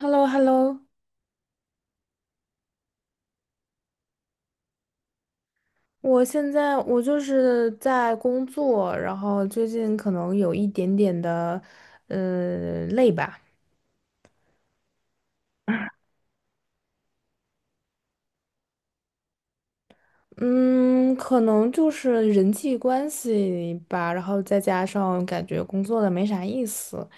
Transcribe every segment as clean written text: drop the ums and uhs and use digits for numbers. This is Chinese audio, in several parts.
h e l l o h e l l o 我现在我就是在工作，然后最近可能有一点点的，累吧。嗯，可能就是人际关系吧，然后再加上感觉工作的没啥意思。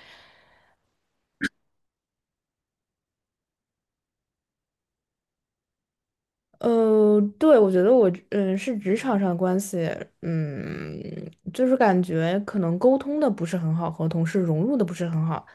对，我觉得我是职场上关系，嗯，就是感觉可能沟通的不是很好，和同事融入的不是很好。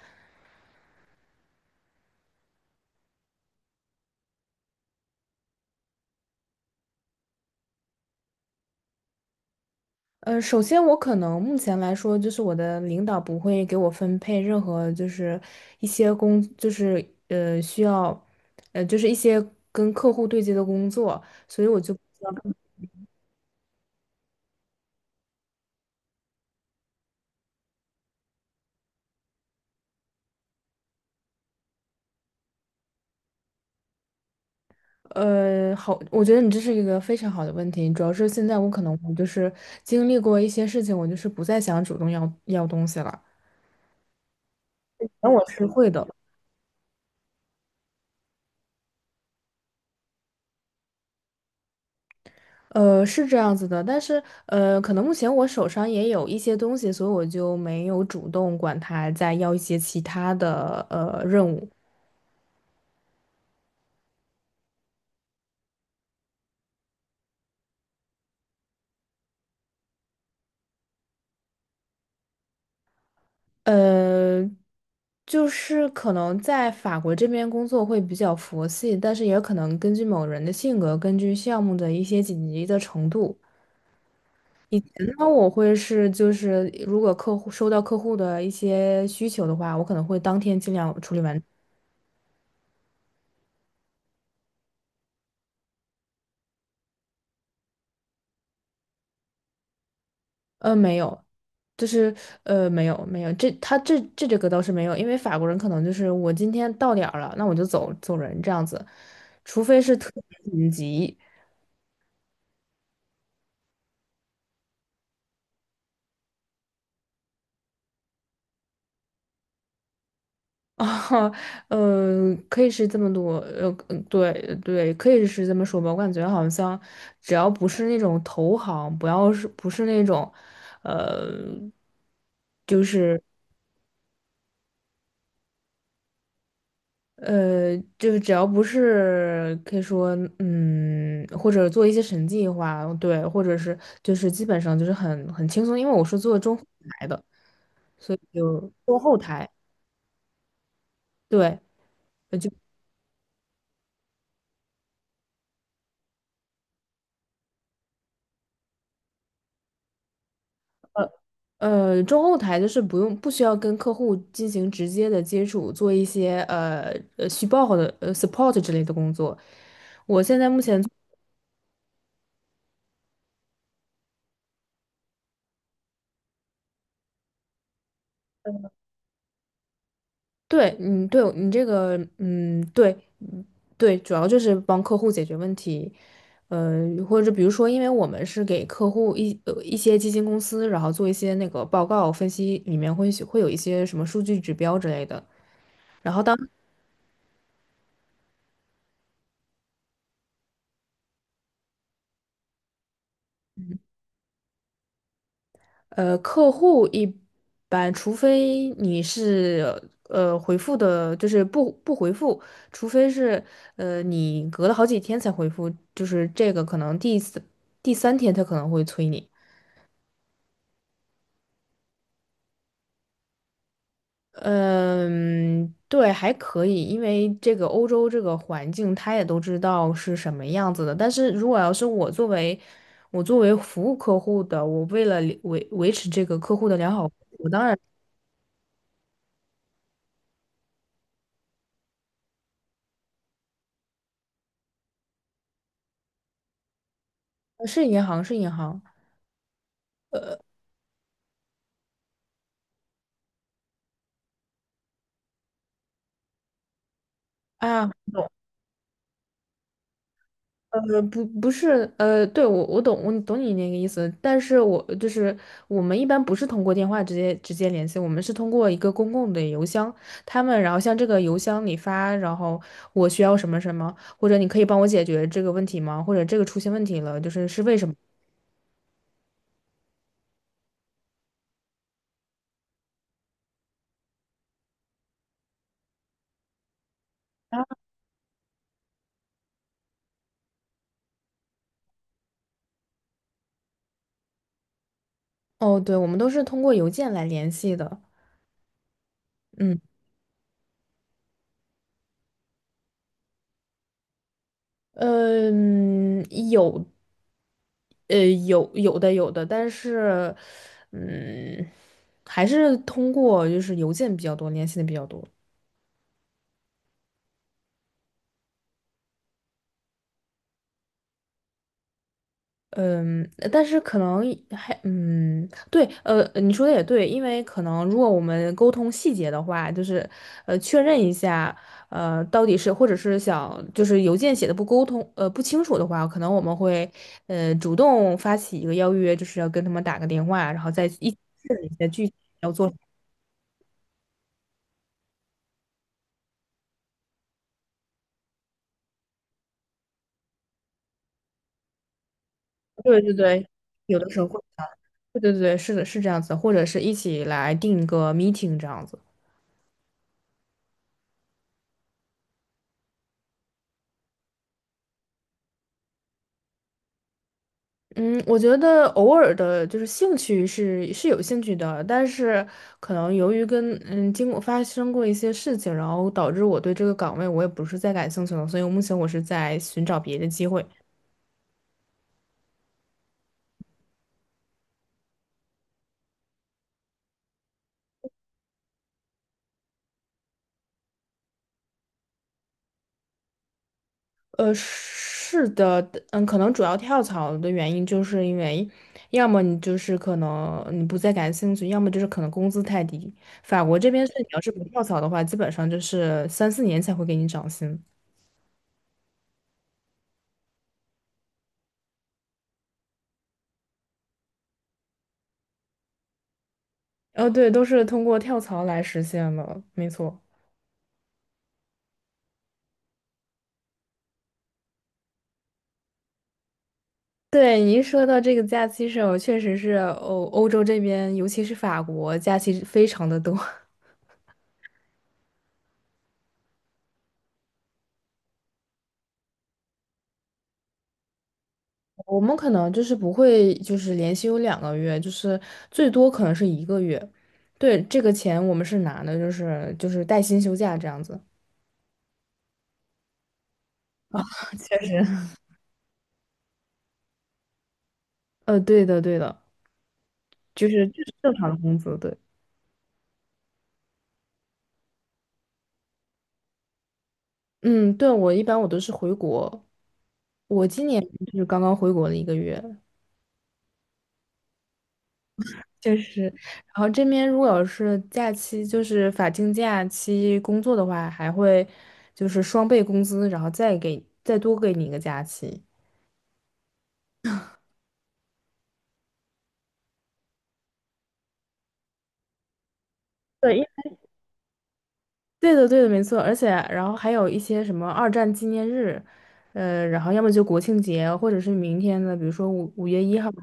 首先我可能目前来说，就是我的领导不会给我分配任何就是一些工，就是需要，就是一些跟客户对接的工作，所以我就不知道。好，我觉得你这是一个非常好的问题，主要是现在我可能我就是经历过一些事情，我就是不再想主动要东西了。那我是会的。是这样子的，但是可能目前我手上也有一些东西，所以我就没有主动管他再要一些其他的任务。呃，就是可能在法国这边工作会比较佛系，但是也可能根据某人的性格，根据项目的一些紧急的程度。以前呢，我会是就是如果收到客户的一些需求的话，我可能会当天尽量处理完。没有。就是没有没有，这他这这这个倒是没有，因为法国人可能就是我今天到点儿了，那我就走走人这样子，除非是特别紧急。啊，可以是这么多。对对，可以是这么说吧，我感觉好像只要不是那种投行，不是那种，呃，就是。就是只要不是可以说，嗯，或者做一些审计话，对，或者是就是基本上就是很轻松，因为我是做中后台的，所以就中后台。对。呃就呃中后台就是不需要跟客户进行直接的接触，做一些虚报的support 之类的工作。我现在目前对。嗯，对你这个，嗯，对，对，主要就是帮客户解决问题。或者比如说，因为我们是给客户一些基金公司，然后做一些那个报告分析，里面会有一些什么数据指标之类的。然后当客户一般，除非你是回复的，就是不回复，除非是你隔了好几天才回复，就是这个可能第三天他可能会催你。嗯，对，还可以，因为这个欧洲这个环境，他也都知道是什么样子的。但是如果要是我作为服务客户的，我为了维持这个客户的良好服务我当然。是银行是银行。啊，懂。不是。对，我懂，我懂你那个意思，但是我就是我们一般不是通过电话直接联系，我们是通过一个公共的邮箱，他们然后向这个邮箱里发，然后我需要什么什么，或者你可以帮我解决这个问题吗？或者这个出现问题了，就是是为什么？哦，对，我们都是通过邮件来联系的。嗯。呃嗯，有。有有的，但是，嗯，还是通过就是邮件比较多，联系的比较多。嗯，但是可能对。你说的也对，因为可能如果我们沟通细节的话，就是确认一下，到底是或者是想就是邮件写的不沟通呃不清楚的话，可能我们会主动发起一个邀约，就是要跟他们打个电话，然后再一起确认一下具体要做什么。对对对，有的时候会。对对对，是的，是这样子的或者是一起来定个 meeting 这样子。嗯，我觉得偶尔的，就是兴趣是是有兴趣的，但是可能由于跟嗯经过发生过一些事情，然后导致我对这个岗位我也不是再感兴趣了，所以目前我是在寻找别的机会。是的。嗯，可能主要跳槽的原因就是因为，要么你就是可能你不再感兴趣，要么就是可能工资太低。法国这边是你要是不跳槽的话，基本上就是三四年才会给你涨薪。对，都是通过跳槽来实现的，没错。对，您说到这个假期上，确实是欧洲这边，尤其是法国，假期非常的多。我们可能就是不会，就是连休两个月，就是最多可能是一个月。对，这个钱我们是拿的，就是就是带薪休假这样子。确实。对的，对的，就是这是正常的工资。对。嗯，对，我一般我都是回国，我今年就是刚刚回国的一个月。就是，然后这边如果要是假期，就是法定假期工作的话，还会就是双倍工资，然后再给再多给你一个假期。对，对的，对的，没错。而且，然后还有一些什么二战纪念日，然后要么就国庆节，或者是明天的，比如说五月一号的。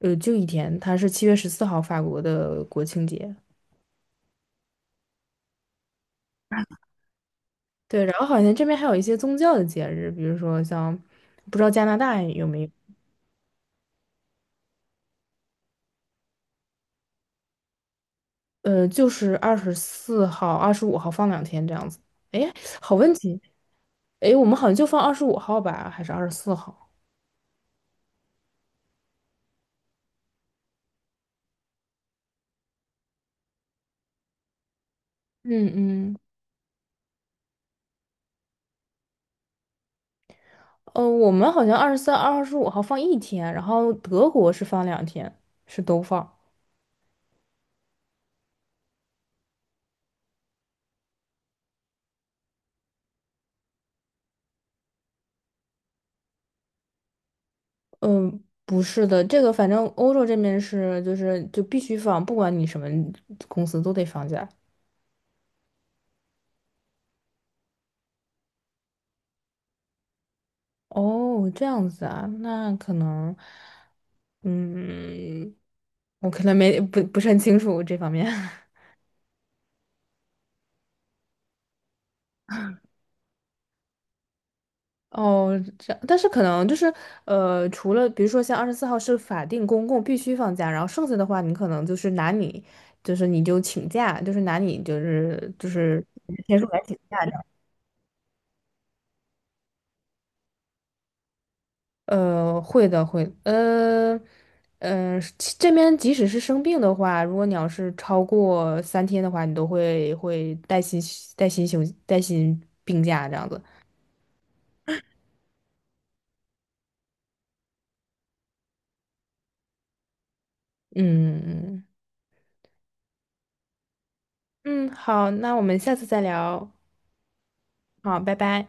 就一天，它是七月十四号法国的国庆节。对，然后好像这边还有一些宗教的节日，比如说像，不知道加拿大有没有。就是二十四号、二十五号放两天这样子。哎，好问题。哎，我们好像就放二十五号吧，还是二十四号？嗯嗯。我们好像二十三、二十五号放一天，然后德国是放两天，是都放。嗯、不是的，这个反正欧洲这边是就是就必须放，不管你什么公司都得放假。哦，这样子啊，那可能，嗯，我可能没不是很清楚这方面。哦，这样，但是可能就是，除了比如说像二十四号是法定公共必须放假，然后剩下的话，你可能就是拿你，就是你就请假，就是拿你就是就是天数来请假这样。会的，会。其这边即使是生病的话，如果你要是超过三天的话，你都会带薪休带薪病假这样子。嗯嗯嗯,好，那我们下次再聊。好，拜拜。